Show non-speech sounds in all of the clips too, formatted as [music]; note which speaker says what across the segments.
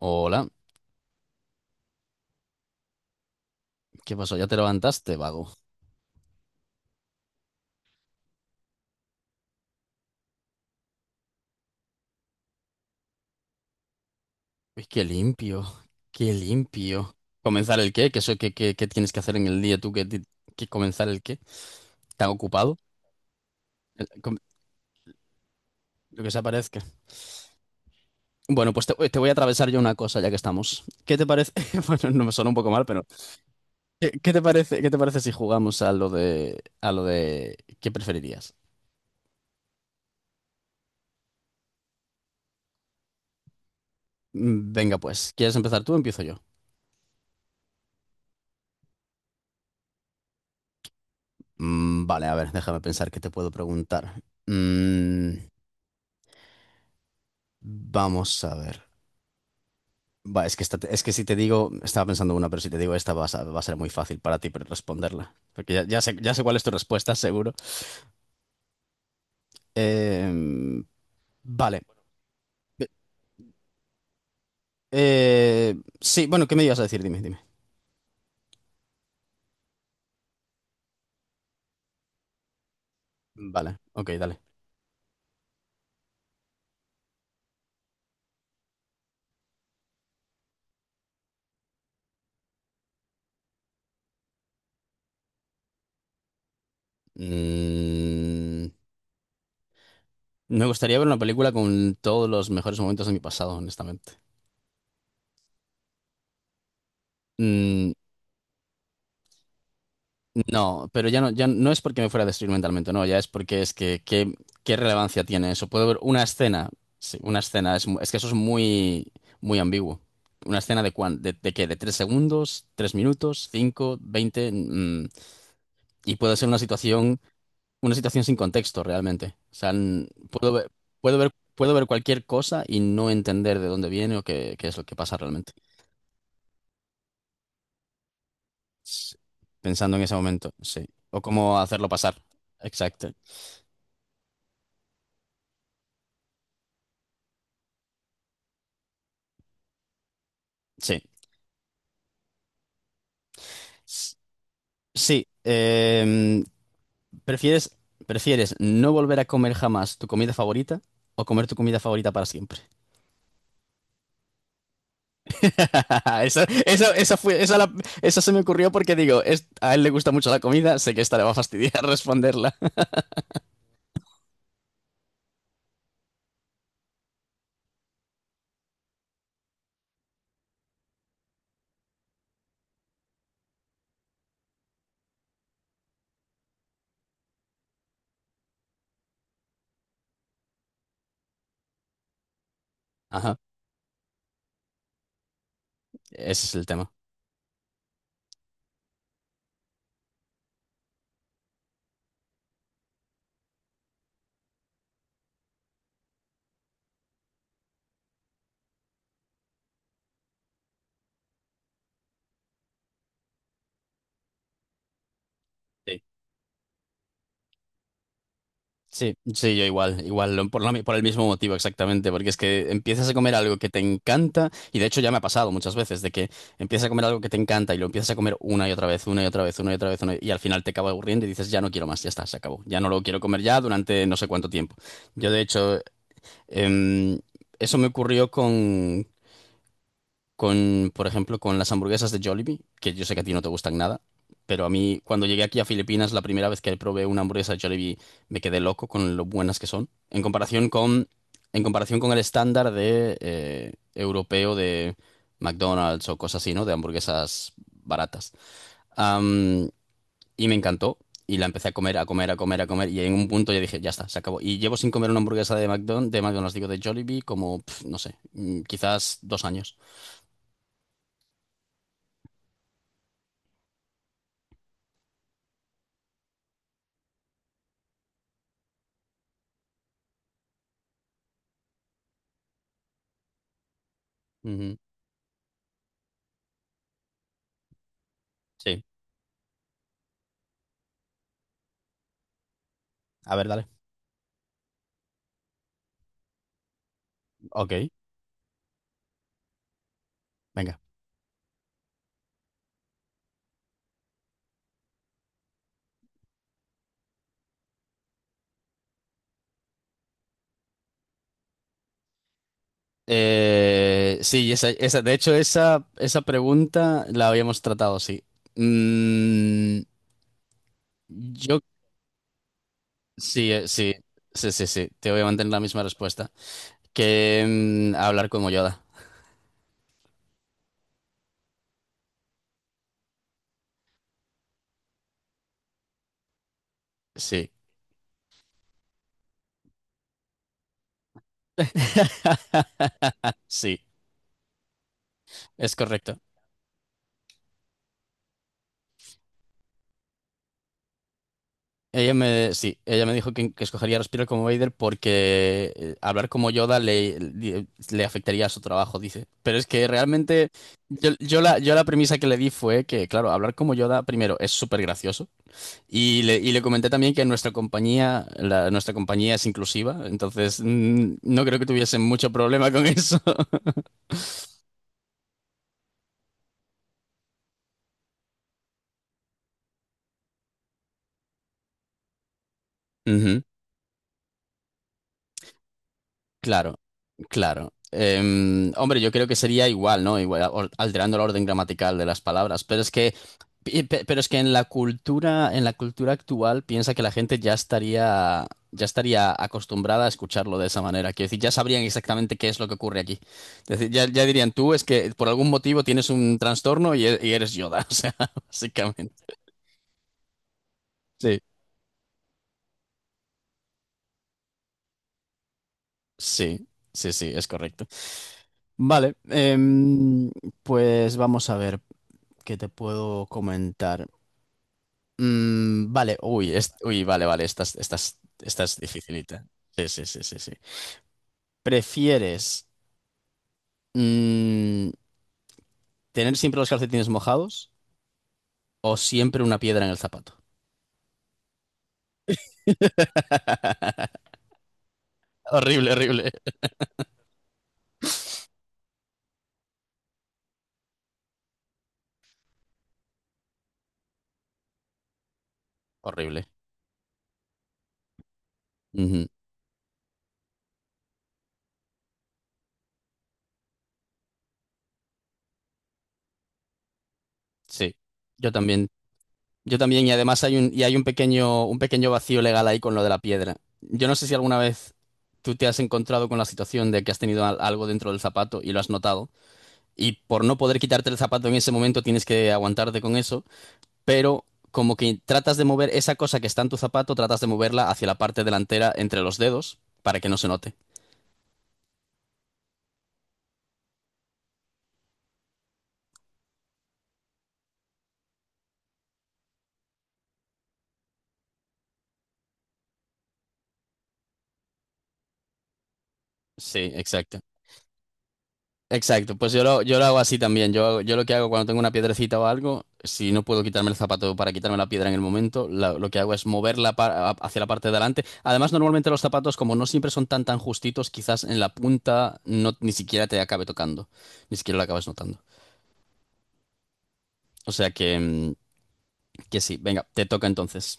Speaker 1: Hola, ¿qué pasó? ¿Ya te levantaste, vago? Uy, qué limpio, qué limpio. ¿Comenzar el qué? ¿Qué, qué tienes que hacer en el día tú? ¿Qué comenzar el qué? ¿Tan ocupado? El- com- Lo que se aparezca. Bueno, pues te, te voy a atravesar yo una cosa ya que estamos. ¿Qué te parece? [laughs] Bueno, no me suena un poco mal, pero ¿qué te parece, qué te parece si jugamos a a lo de ¿qué preferirías? Venga, pues, ¿quieres empezar tú o empiezo yo? Vale, a ver, déjame pensar qué te puedo preguntar. Mm, Vamos a ver. Va, es que si te digo, estaba pensando una, pero si te digo esta va a, va a ser muy fácil para ti responderla. Porque ya sé cuál es tu respuesta, seguro. Eh, vale. Eh, sí, bueno, ¿qué me ibas a decir? Dime, dime. Vale, ok, dale. Mm, Me gustaría ver una película con todos los mejores momentos de mi pasado, honestamente. Mm, No, pero ya no, ya no es porque me fuera a destruir mentalmente, no, ya es porque es que qué, qué relevancia tiene eso. Puedo ver una escena, sí, una escena, es que eso es muy, muy ambiguo. Una escena de de qué, de tres segundos, tres minutos, cinco, veinte, y puede ser una situación sin contexto realmente. O sea, puedo ver, puedo ver, puedo ver cualquier cosa y no entender de dónde viene o qué, qué es lo que pasa realmente. S- Pensando en ese momento, sí. O cómo hacerlo pasar. Exacto. Sí. Sí, ¿prefieres, ¿prefieres no volver a comer jamás tu comida favorita o comer tu comida favorita para siempre? [laughs] Esa fue, esa, la- Esa se me ocurrió porque digo, a él le gusta mucho la comida, sé que esta le va a fastidiar [laughs] responderla. Ajá, ese es el tema. Sí, sí, yo igual, igual, por el mismo motivo exactamente, porque es que empiezas a comer algo que te encanta, y de hecho ya me ha pasado muchas veces, de que empiezas a comer algo que te encanta y lo empiezas a comer una y otra vez, una y otra vez, una y otra vez, una y al final te acaba aburriendo y dices, ya no quiero más, ya está, se acabó, ya no lo quiero comer ya durante no sé cuánto tiempo. Yo de hecho, em, eso me ocurrió con, por ejemplo, con las hamburguesas de Jollibee, que yo sé que a ti no te gustan nada, pero a mí cuando llegué aquí a Filipinas, la primera vez que probé una hamburguesa de Jollibee, me quedé loco con lo buenas que son, en comparación con el estándar de europeo de McDonald's o cosas así, ¿no? De hamburguesas baratas. Am, y me encantó. Y la empecé a comer, a comer, a comer, a comer. Y en un punto ya dije, ya está, se acabó. Y llevo sin comer una hamburguesa de McDonald's, digo, de Jollibee, como, pf, no sé, quizás dos años. Ujú. Sí. A ver, dale. Ok, venga. Sí, esa, de hecho, esa pregunta la habíamos tratado, sí. Mm, yo, sí, sí, sí, sí, sí, te voy a mantener la misma respuesta. Que hablar como Yoda, sí. [laughs] Sí, es correcto. Ella me, sí, ella me dijo que escogería respirar como Vader porque hablar como Yoda le afectaría a su trabajo, dice. Pero es que realmente yo la premisa que le di fue que, claro, hablar como Yoda, primero, es súper gracioso. Y y le comenté también que nuestra compañía, nuestra compañía es inclusiva, entonces no creo que tuviesen mucho problema con eso. [laughs] Ujú. Claro, claro. Em, hombre, yo creo que sería igual, ¿no? Igual, alterando el orden gramatical de las palabras, pero es que, pero es que en la cultura actual, piensa que la gente ya estaría acostumbrada a escucharlo de esa manera. Quiero decir, ya sabrían exactamente qué es lo que ocurre aquí. Es decir, ya, ya dirían, tú es que por algún motivo tienes un trastorno y, y eres Yoda, [laughs] o sea, básicamente. Sí, sí, sí, sí, es correcto. Vale, em, pues vamos a ver. ¿Qué te puedo comentar? Mm, vale, uy, es- uy, vale, Vale, esta, esta es dificilita. Sí, sí, sí, sí, sí. ¿Prefieres mm, tener siempre los calcetines mojados o siempre una piedra en el zapato? [laughs] Horrible, horrible. Horrible. Ujú. Sí, yo también. Yo también, y además hay un pequeño vacío legal ahí con lo de la piedra. Yo no sé si alguna vez tú te has encontrado con la situación de que has tenido algo dentro del zapato y lo has notado. Y por no poder quitarte el zapato en ese momento tienes que aguantarte con eso, pero como que tratas de mover esa cosa que está en tu zapato, tratas de moverla hacia la parte delantera entre los dedos para que no se note. Sí, exacto. Exacto, pues yo lo hago así también. Yo lo que hago cuando tengo una piedrecita o algo, si no puedo quitarme el zapato para quitarme la piedra en el momento, lo que hago es moverla hacia la parte de adelante. Además, normalmente los zapatos, como no siempre son tan tan justitos, quizás en la punta no, ni siquiera te acabe tocando, ni siquiera lo acabas notando. O sea que, que sí, venga, te toca entonces.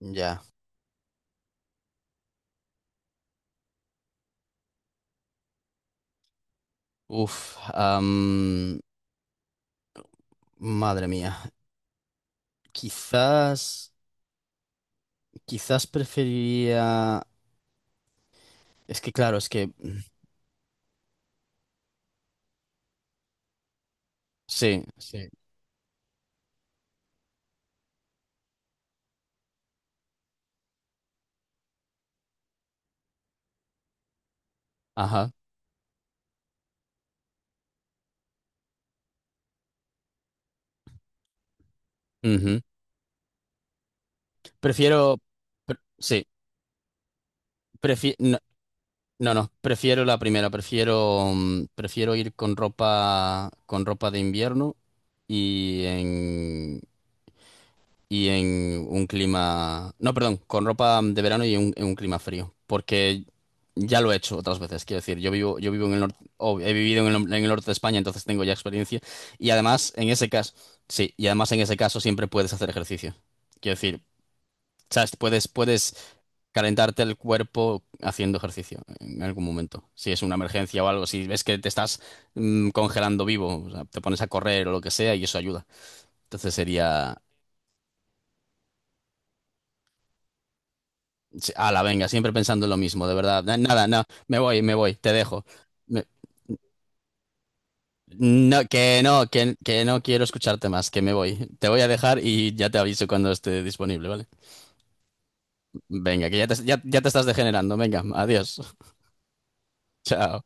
Speaker 1: Ya. Uf. Madre mía. Quizás. Quizás preferiría. Es que claro, es que. Mm, Sí, sí. Ajá. Ujú. Prefiero. Sí. No, no, no, prefiero la primera. Prefiero. Prefiero ir con ropa. Con ropa de invierno. Y en. Y en un clima... No, perdón, con ropa de verano y en un clima frío. Porque ya lo he hecho otras veces. Quiero decir, yo vivo en el norte, o he vivido en en el norte de España, entonces tengo ya experiencia. Y además, en ese caso, sí, y además en ese caso siempre puedes hacer ejercicio. Quiero decir, sabes, puedes calentarte el cuerpo haciendo ejercicio en algún momento. Si es una emergencia o algo, si ves que te estás congelando vivo, o sea, te pones a correr o lo que sea y eso ayuda. Entonces sería sí, ala, venga, siempre pensando en lo mismo, de verdad. Nada, no, me voy, te dejo. Me- No, que no quiero escucharte más, que me voy. Te voy a dejar y ya te aviso cuando esté disponible, ¿vale? Venga, que ya ya te estás degenerando, venga, adiós. [laughs] Chao.